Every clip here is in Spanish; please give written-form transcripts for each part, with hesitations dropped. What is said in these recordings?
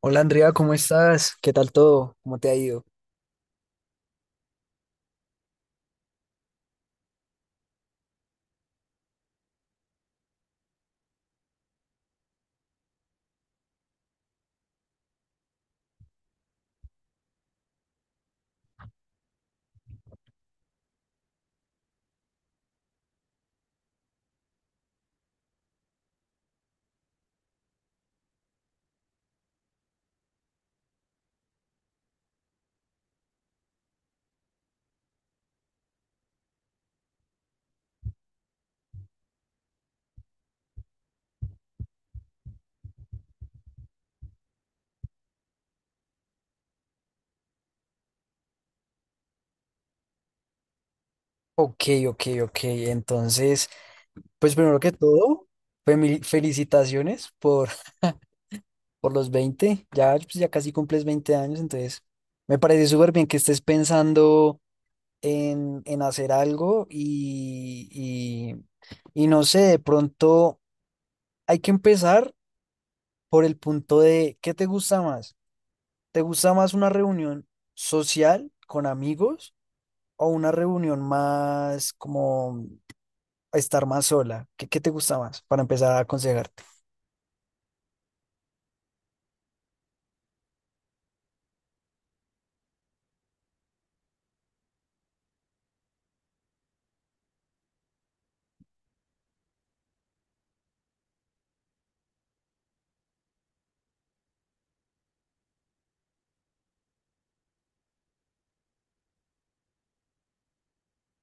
Hola Andrea, ¿cómo estás? ¿Qué tal todo? ¿Cómo te ha ido? Ok, ok, ok. Entonces, pues primero que todo, felicitaciones por, por los 20. Ya, pues, ya casi cumples 20 años, entonces me parece súper bien que estés pensando en hacer algo y no sé, de pronto hay que empezar por el punto de: ¿qué te gusta más? ¿Te gusta más una reunión social con amigos o una reunión más como estar más sola? ¿Qué te gusta más para empezar a aconsejarte?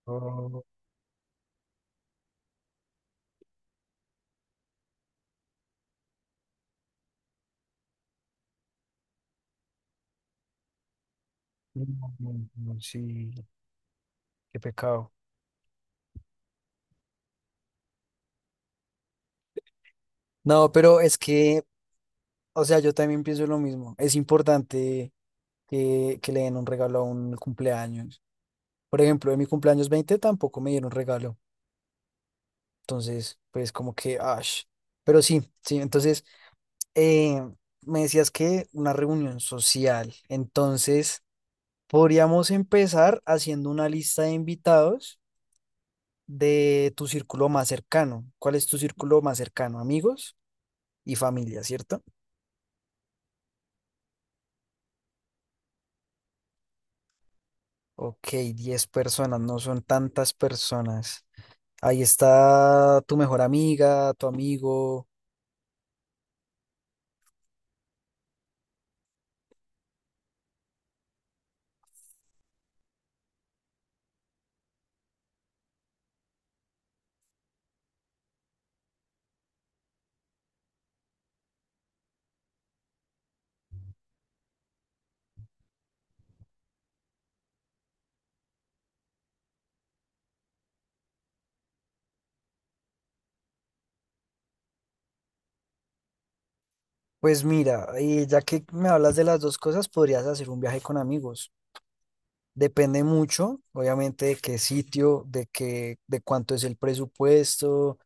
Oh, no, no, no, sí, qué pecado. No, pero es que, o sea, yo también pienso lo mismo. Es importante que le den un regalo a un cumpleaños. Por ejemplo, en mi cumpleaños 20 tampoco me dieron regalo. Entonces, pues como que, ash. Pero sí, sí, entonces, eh, me decías que una reunión social. Entonces, podríamos empezar haciendo una lista de invitados de tu círculo más cercano. ¿Cuál es tu círculo más cercano? Amigos y familia, ¿cierto? Ok, 10 personas, no son tantas personas. Ahí está tu mejor amiga, tu amigo. Pues mira, ya que me hablas de las dos cosas, podrías hacer un viaje con amigos. Depende mucho, obviamente, de qué sitio, de cuánto es el presupuesto,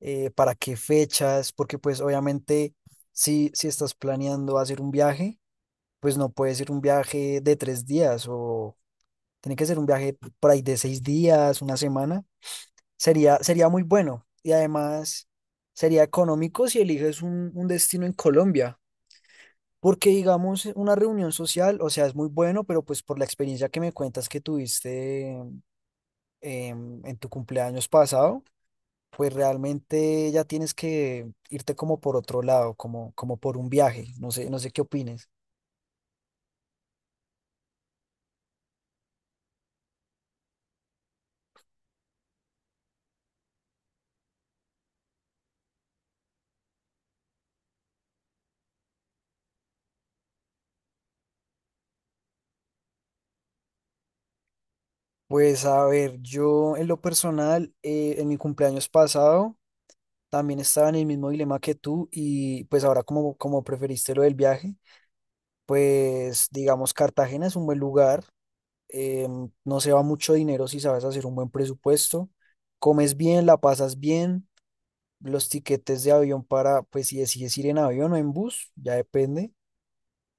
para qué fechas, porque pues obviamente, si estás planeando hacer un viaje, pues no puede ser un viaje de 3 días o tiene que ser un viaje por ahí de 6 días, una semana. Sería muy bueno y además sería económico si eliges un destino en Colombia. Porque digamos, una reunión social, o sea, es muy bueno, pero pues por la experiencia que me cuentas que tuviste, en tu cumpleaños pasado, pues realmente ya tienes que irte como por otro lado, como por un viaje. No sé, no sé qué opines. Pues a ver, yo en lo personal, en mi cumpleaños pasado también estaba en el mismo dilema que tú, y pues ahora como preferiste lo del viaje, pues digamos Cartagena es un buen lugar, no se va mucho dinero si sabes hacer un buen presupuesto, comes bien, la pasas bien. Los tiquetes de avión, para, pues si decides ir en avión o en bus, ya depende,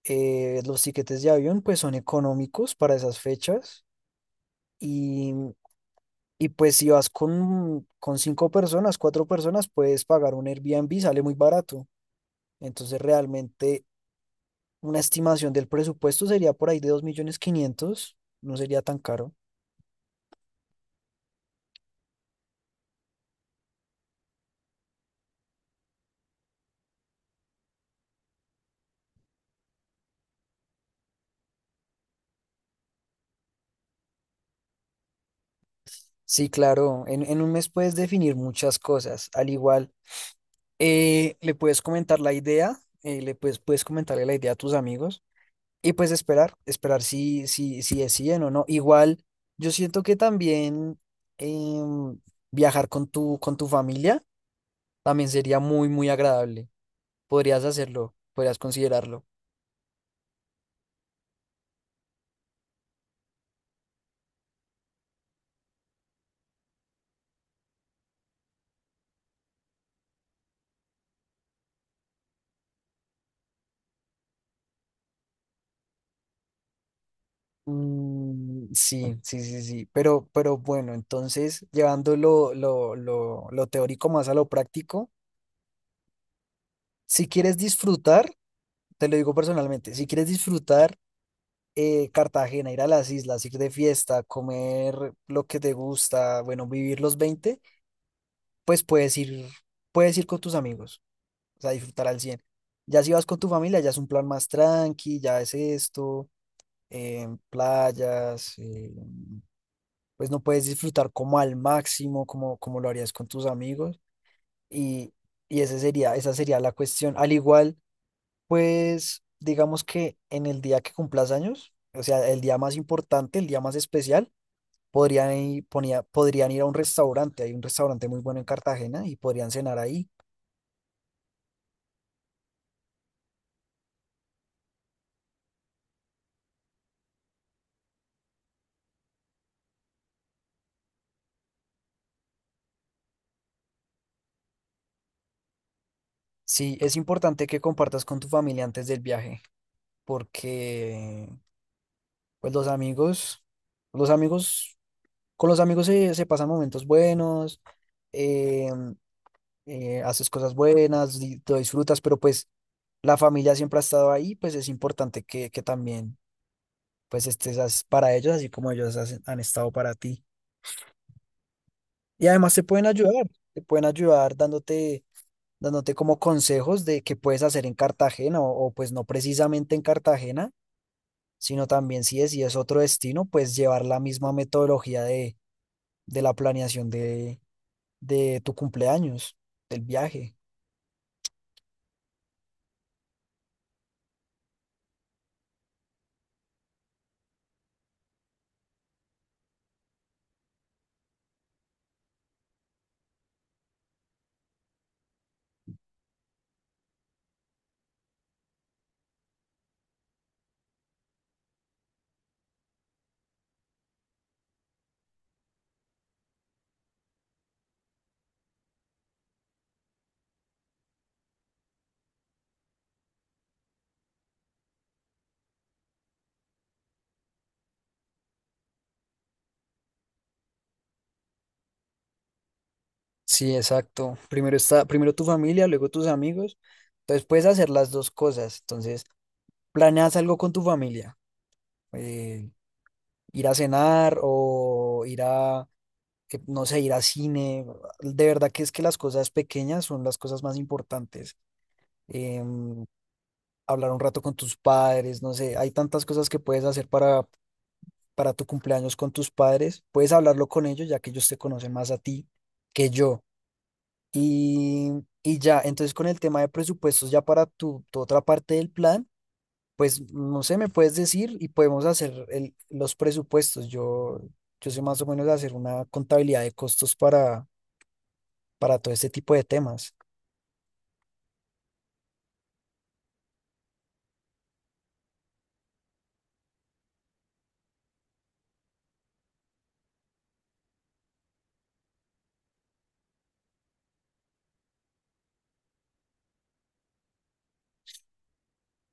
los tiquetes de avión pues son económicos para esas fechas, y, y, pues si vas con 5 personas, 4 personas, puedes pagar un Airbnb, sale muy barato. Entonces realmente una estimación del presupuesto sería por ahí de 2.500.000, no sería tan caro. Sí, claro, en un mes puedes definir muchas cosas. Al igual, le puedes comentar la idea, le puedes comentarle la idea a tus amigos y pues esperar si deciden o no. Igual, yo siento que también, em, viajar con tu familia también sería muy, muy agradable. Podrías hacerlo, podrías considerarlo. Mm, sí, sí, sí, sí. Pero bueno, entonces, llevando lo teórico más a lo práctico, si quieres disfrutar, te lo digo personalmente, si quieres disfrutar, Cartagena, ir a las islas, ir de fiesta, comer lo que te gusta, bueno, vivir los veinte, pues puedes ir, con tus amigos, o sea, disfrutar al cien. Ya si vas con tu familia, ya es un plan más tranqui, ya es esto, playas, pues no puedes disfrutar como al máximo, como lo harías con tus amigos. Y, y esa sería la cuestión. Al igual, pues digamos que en el día que cumplas años, o sea, el día más importante, el día más especial, Podrían ir a un restaurante, hay un restaurante muy bueno en Cartagena y podrían cenar ahí. Sí, es importante que compartas con tu familia antes del viaje, porque pues los amigos, con los amigos se pasan momentos buenos, eh, haces cosas buenas, lo disfrutas, pero pues la familia siempre ha estado ahí, pues es importante que también pues estés, para ellos, así como ellos han estado para ti. Y además te pueden ayudar, dándote, como consejos de qué puedes hacer en Cartagena, pues no precisamente en Cartagena, sino también si es, otro destino, pues llevar la misma metodología de la planeación de tu cumpleaños, del viaje. Sí, exacto. Primero tu familia, luego tus amigos. Entonces puedes hacer las dos cosas. Entonces, planeas algo con tu familia, eh, ir a cenar, o que, no sé, ir a cine. De verdad que es que las cosas pequeñas son las cosas más importantes. em, hablar un rato con tus padres, no sé, hay tantas cosas que puedes hacer para tu cumpleaños con tus padres. Puedes hablarlo con ellos, ya que ellos te conocen más a ti que yo. Y, y ya, entonces, con el tema de presupuestos, ya para tu otra parte del plan, pues no sé, me puedes decir y podemos hacer los presupuestos. Yo sé más o menos hacer una contabilidad de costos para todo este tipo de temas.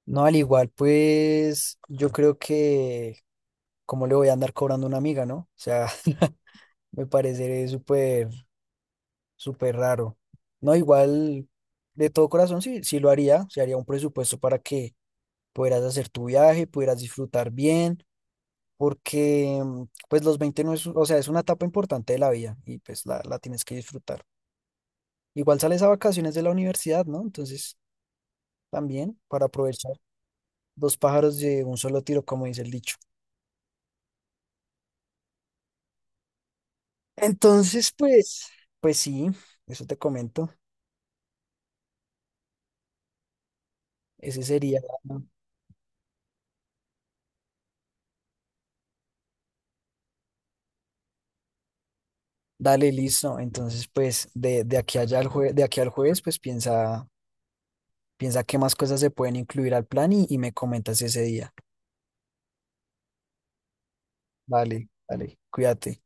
No, al igual, pues yo creo que, ¿cómo le voy a andar cobrando a una amiga, no? O sea, me parece súper, súper raro. No, igual, de todo corazón, sí, sí lo haría, se haría un presupuesto para que pudieras hacer tu viaje, pudieras disfrutar bien, porque pues los 20 no es, o sea, es una etapa importante de la vida y pues la tienes que disfrutar. Igual sales a vacaciones de la universidad, ¿no? Entonces, también para aprovechar dos pájaros de un solo tiro, como dice el dicho. Entonces, pues, sí, eso te comento. Ese sería. Dale, listo. Entonces, pues de aquí al jueves, pues piensa qué más cosas se pueden incluir al plan y me comentas ese día. Vale, dale, cuídate.